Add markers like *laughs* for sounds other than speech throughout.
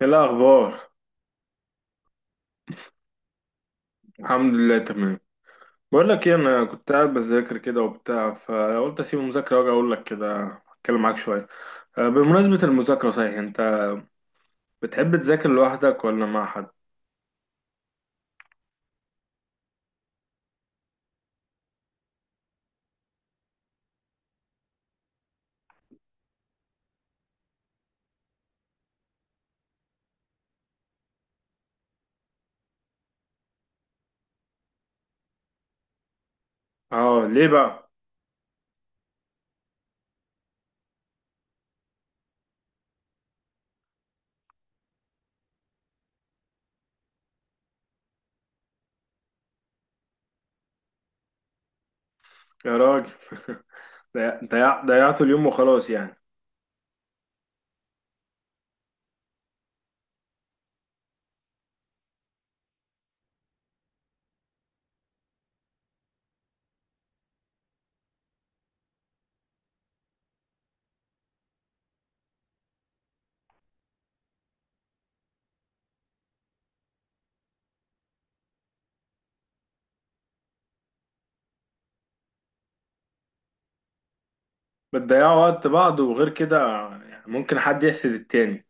ايه الاخبار؟ الحمد لله تمام. بقول لك ايه، انا كنت قاعد بذاكر كده وبتاع، فقلت اسيب المذاكره واجي اقول لك كده، اتكلم معاك شويه. بمناسبه المذاكره، صحيح انت بتحب تذاكر لوحدك ولا مع حد؟ اه ليه بقى؟ يا راجل *laughs* ضيعتوا اليوم وخلاص يعني. بتضيعوا وقت بعض، وغير كده يعني ممكن حد يحسد التاني.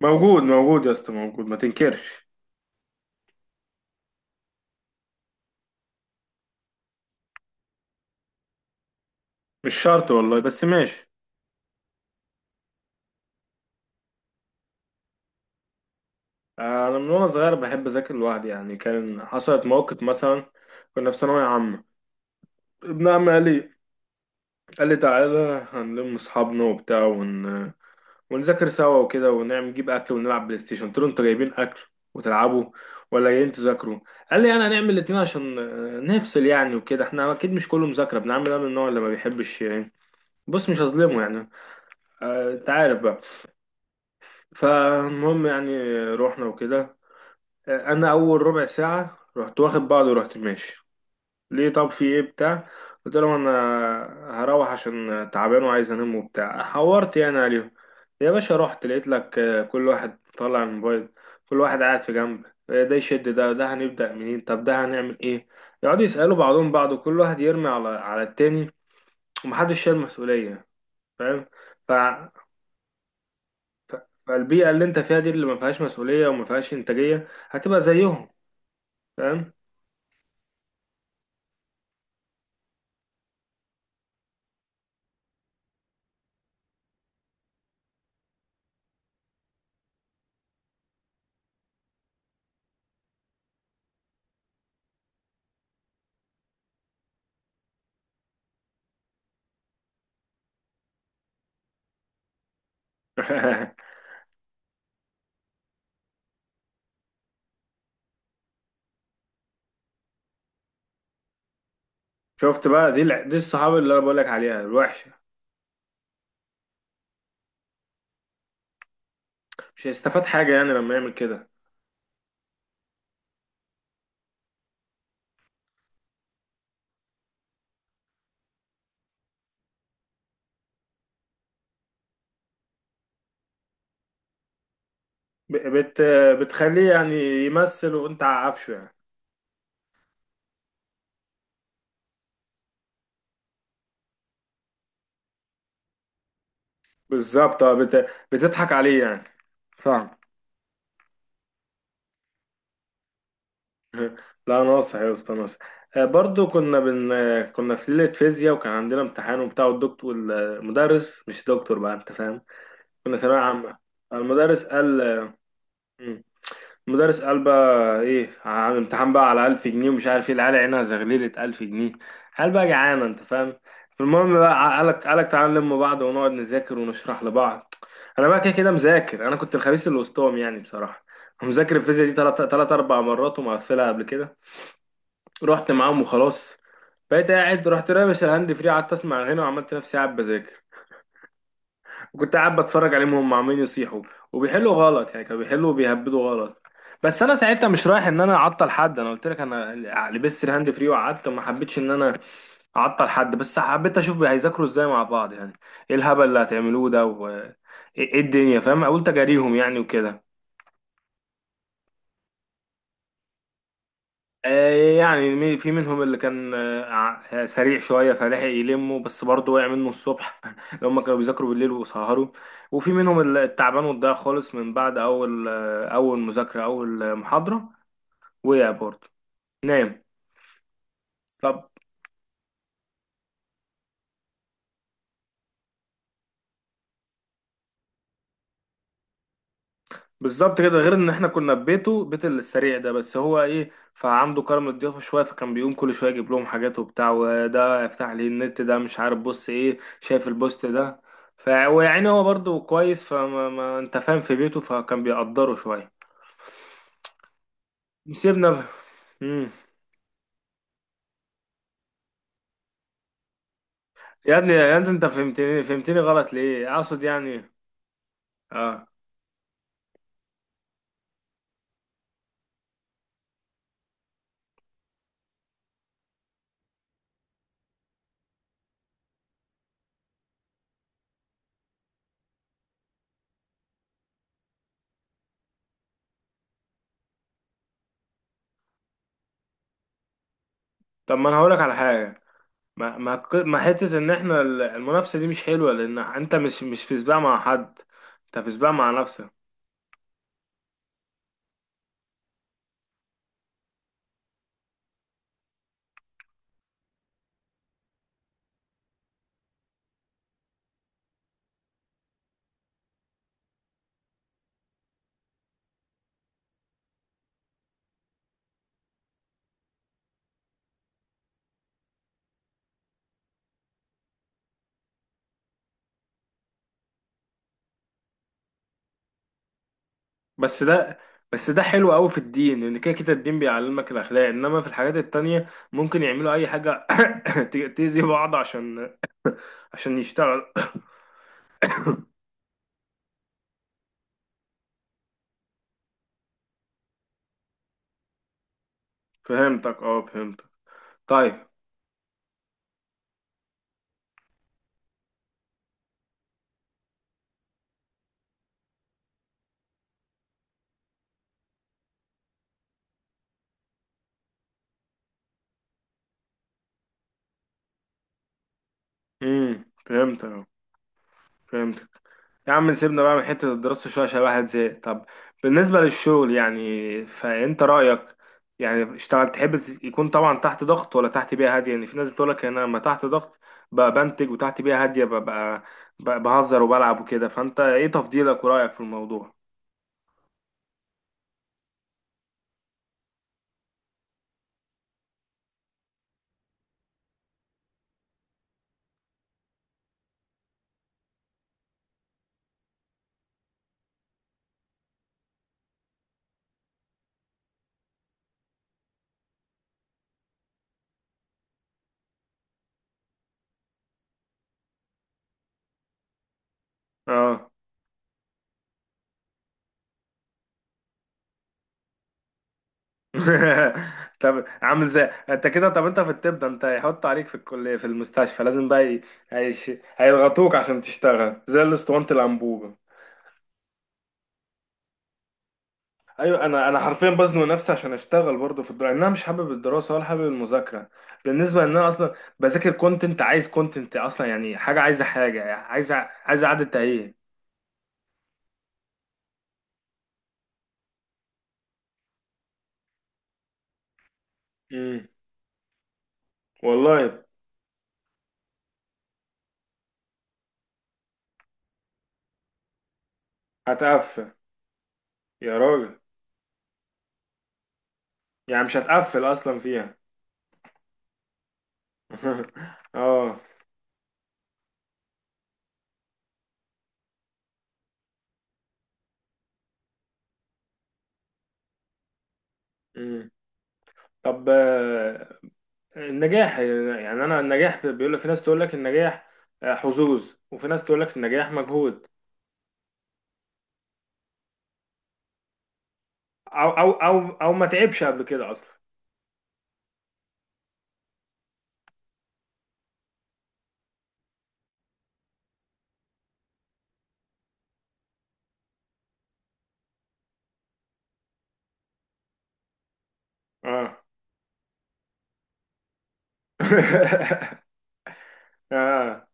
موجود موجود يا اسطى، موجود، ما تنكرش. مش شرط والله، بس ماشي. انا من وانا صغير بحب اذاكر لوحدي يعني. كان حصلت موقف مثلا، كنا في ثانويه عامه. ابن عمي قال لي، قال لي تعالى هنلم اصحابنا وبتاع ونذاكر سوا وكده، ونعمل نجيب اكل ونلعب بلاي ستيشن. قلت له انتوا جايبين اكل وتلعبوا ولا جايين تذاكروا؟ قال لي انا هنعمل الاتنين عشان نفصل يعني وكده، احنا اكيد مش كله مذاكره. ابن عمي ده من النوع اللي ما بيحبش يعني، بص مش هظلمه يعني. انت عارف بقى. فالمهم يعني، رحنا وكده. انا اول ربع ساعه رحت واخد بعضي ورحت ماشي. ليه؟ طب في ايه؟ بتاع، قلت لهم انا هروح عشان تعبان وعايز انام وبتاع، حورت يعني عليهم. يا باشا رحت لقيت لك كل واحد طالع الموبايل، كل واحد قاعد في جنب. ده يشد ده، ده هنبدأ منين، طب ده هنعمل ايه، يقعدوا يسألوا بعضهم بعض وكل واحد يرمي على التاني ومحدش شايل مسؤولية. فاهم؟ ف... فالبيئة اللي انت فيها دي، اللي ما فيهاش مسؤولية وما فيهاش انتاجية، هتبقى زيهم. فاهم؟ *laughs* شفت بقى، دي الصحاب اللي انا بقول لك عليها الوحشه. مش هيستفاد حاجه يعني لما يعمل كده. ب- بت بتخليه يعني يمثل وانت عارفه يعني. بالظبط، اه، بتضحك عليه يعني. فاهم؟ *laughs* لا، ناصح يا اسطى، ناصح. برضو كنا بن كنا في ليله فيزياء وكان عندنا امتحان وبتاع، والدكتور والمدرس، مش دكتور بقى، انت فاهم، كنا ثانويه عامه. المدرس قال، مدرس قال بقى ايه، عامل امتحان بقى على 1000 جنيه. ومش عارف ايه، العيال عينها زغللت، 1000 جنيه، قال بقى جعانه، انت فاهم. المهم بقى، قالك قالك تعالى نلم بعض ونقعد نذاكر ونشرح لبعض. انا بقى كده كده مذاكر، انا كنت الخبيث اللي وسطهم يعني بصراحه. مذاكر الفيزياء دي تلات اربع مرات ومقفلها قبل كده. رحت معاهم وخلاص. بقيت قاعد، رحت رامش الهاند فري، قعدت اسمع هنا وعملت نفسي قاعد بذاكر. وكنت قاعد بتفرج عليهم وهم عمالين يصيحوا وبيحلوا غلط. يعني كانوا بيحلوا وبيهبدوا غلط، بس انا ساعتها مش رايح ان انا اعطل حد، انا قلت لك، انا لبست الهاند فري وقعدت، ما حبيتش ان انا اعطل حد، بس حبيت اشوف هيذاكروا ازاي مع بعض يعني، ايه الهبل اللي هتعملوه ده وايه الدنيا، فاهم، قلت اجاريهم يعني وكده. يعني في منهم اللي كان سريع شوية، فلحق يلمه، بس برضه وقع منه الصبح. *laughs* لو هم كانوا بيذاكروا بالليل وسهروا. وفي منهم اللي التعبان والضايع خالص من بعد أول أول مذاكرة، أول محاضرة وقع برضه، نام. بالظبط كده. غير ان احنا كنا في بيته، بيت السريع ده، بس هو ايه، فعنده كرم الضيافه شويه، فكان بيقوم كل شويه يجيب لهم حاجات وبتاع، وده يفتح لي النت، ده مش عارف بص ايه، شايف البوست ده. ف ويعني هو برضو كويس، فما ما انت فاهم، في بيته، فكان بيقدره شويه. سيبنا ب... مم. يا ابني يا ابني، انت فهمتني فهمتني غلط ليه؟ اقصد يعني، اه. طب ما انا هقولك على حاجه. ما ما ما حته ان احنا المنافسه دي مش حلوه، لان انت مش في سباق مع حد، انت في سباق مع نفسك. بس ده بس ده حلو قوي في الدين، لان كده كده الدين بيعلمك الاخلاق، انما في الحاجات التانية ممكن يعملوا اي حاجة *coughs* تأذي بعض عشان، عشان يشتغل. *coughs* فهمتك، اه فهمتك. طيب. امم، فهمتك. فهمتك. يا عم سيبنا بقى من حتة الدراسة شوية، عشان الواحد زهق. طب بالنسبة للشغل يعني، فأنت رأيك؟ يعني اشتغل، تحب يكون طبعا تحت ضغط ولا تحت بيئة هادية؟ يعني في ناس بتقولك أنا لما تحت ضغط بقى بنتج، وتحت بيئة هادية ببقى بقى بهزر وبلعب وكده. فأنت إيه تفضيلك ورأيك في الموضوع؟ اه. *laughs* طب، عامل زي، انت كده، طب انت في الطب ده، انت هيحط عليك في الكلية في المستشفى، لازم بقى هيش... هيضغطوك عشان تشتغل زي الاسطوانة الأنبوبة. ايوه، انا حرفيا بزنق نفسي عشان اشتغل برضه في الدراسه، انا مش حابب الدراسه ولا حابب المذاكره، بالنسبه ان انا اصلا بذاكر كونتنت، عايز كونتنت اصلا يعني، حاجه عايزه حاجه يعني عايزه، عايزه قعده تهيئ. امم، والله. هتقفل؟ يا راجل، يعني مش هتقفل اصلا فيها؟ *laughs* اه. امم، طب. النجاح يعني، انا النجاح بيقول لك في ناس تقول لك النجاح حظوظ، وفي ناس تقول لك النجاح مجهود. او او او او ما تعبش قبل كده اصلا. اه. *laughs* اه،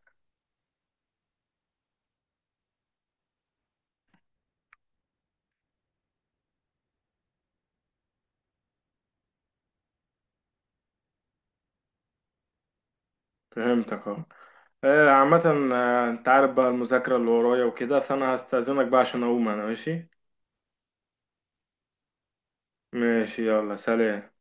فهمتك، اه. عامة انت عارف بقى المذاكرة اللي ورايا وكده، فانا هستأذنك بقى عشان اقوم انا ماشي. ماشي، يلا سلام.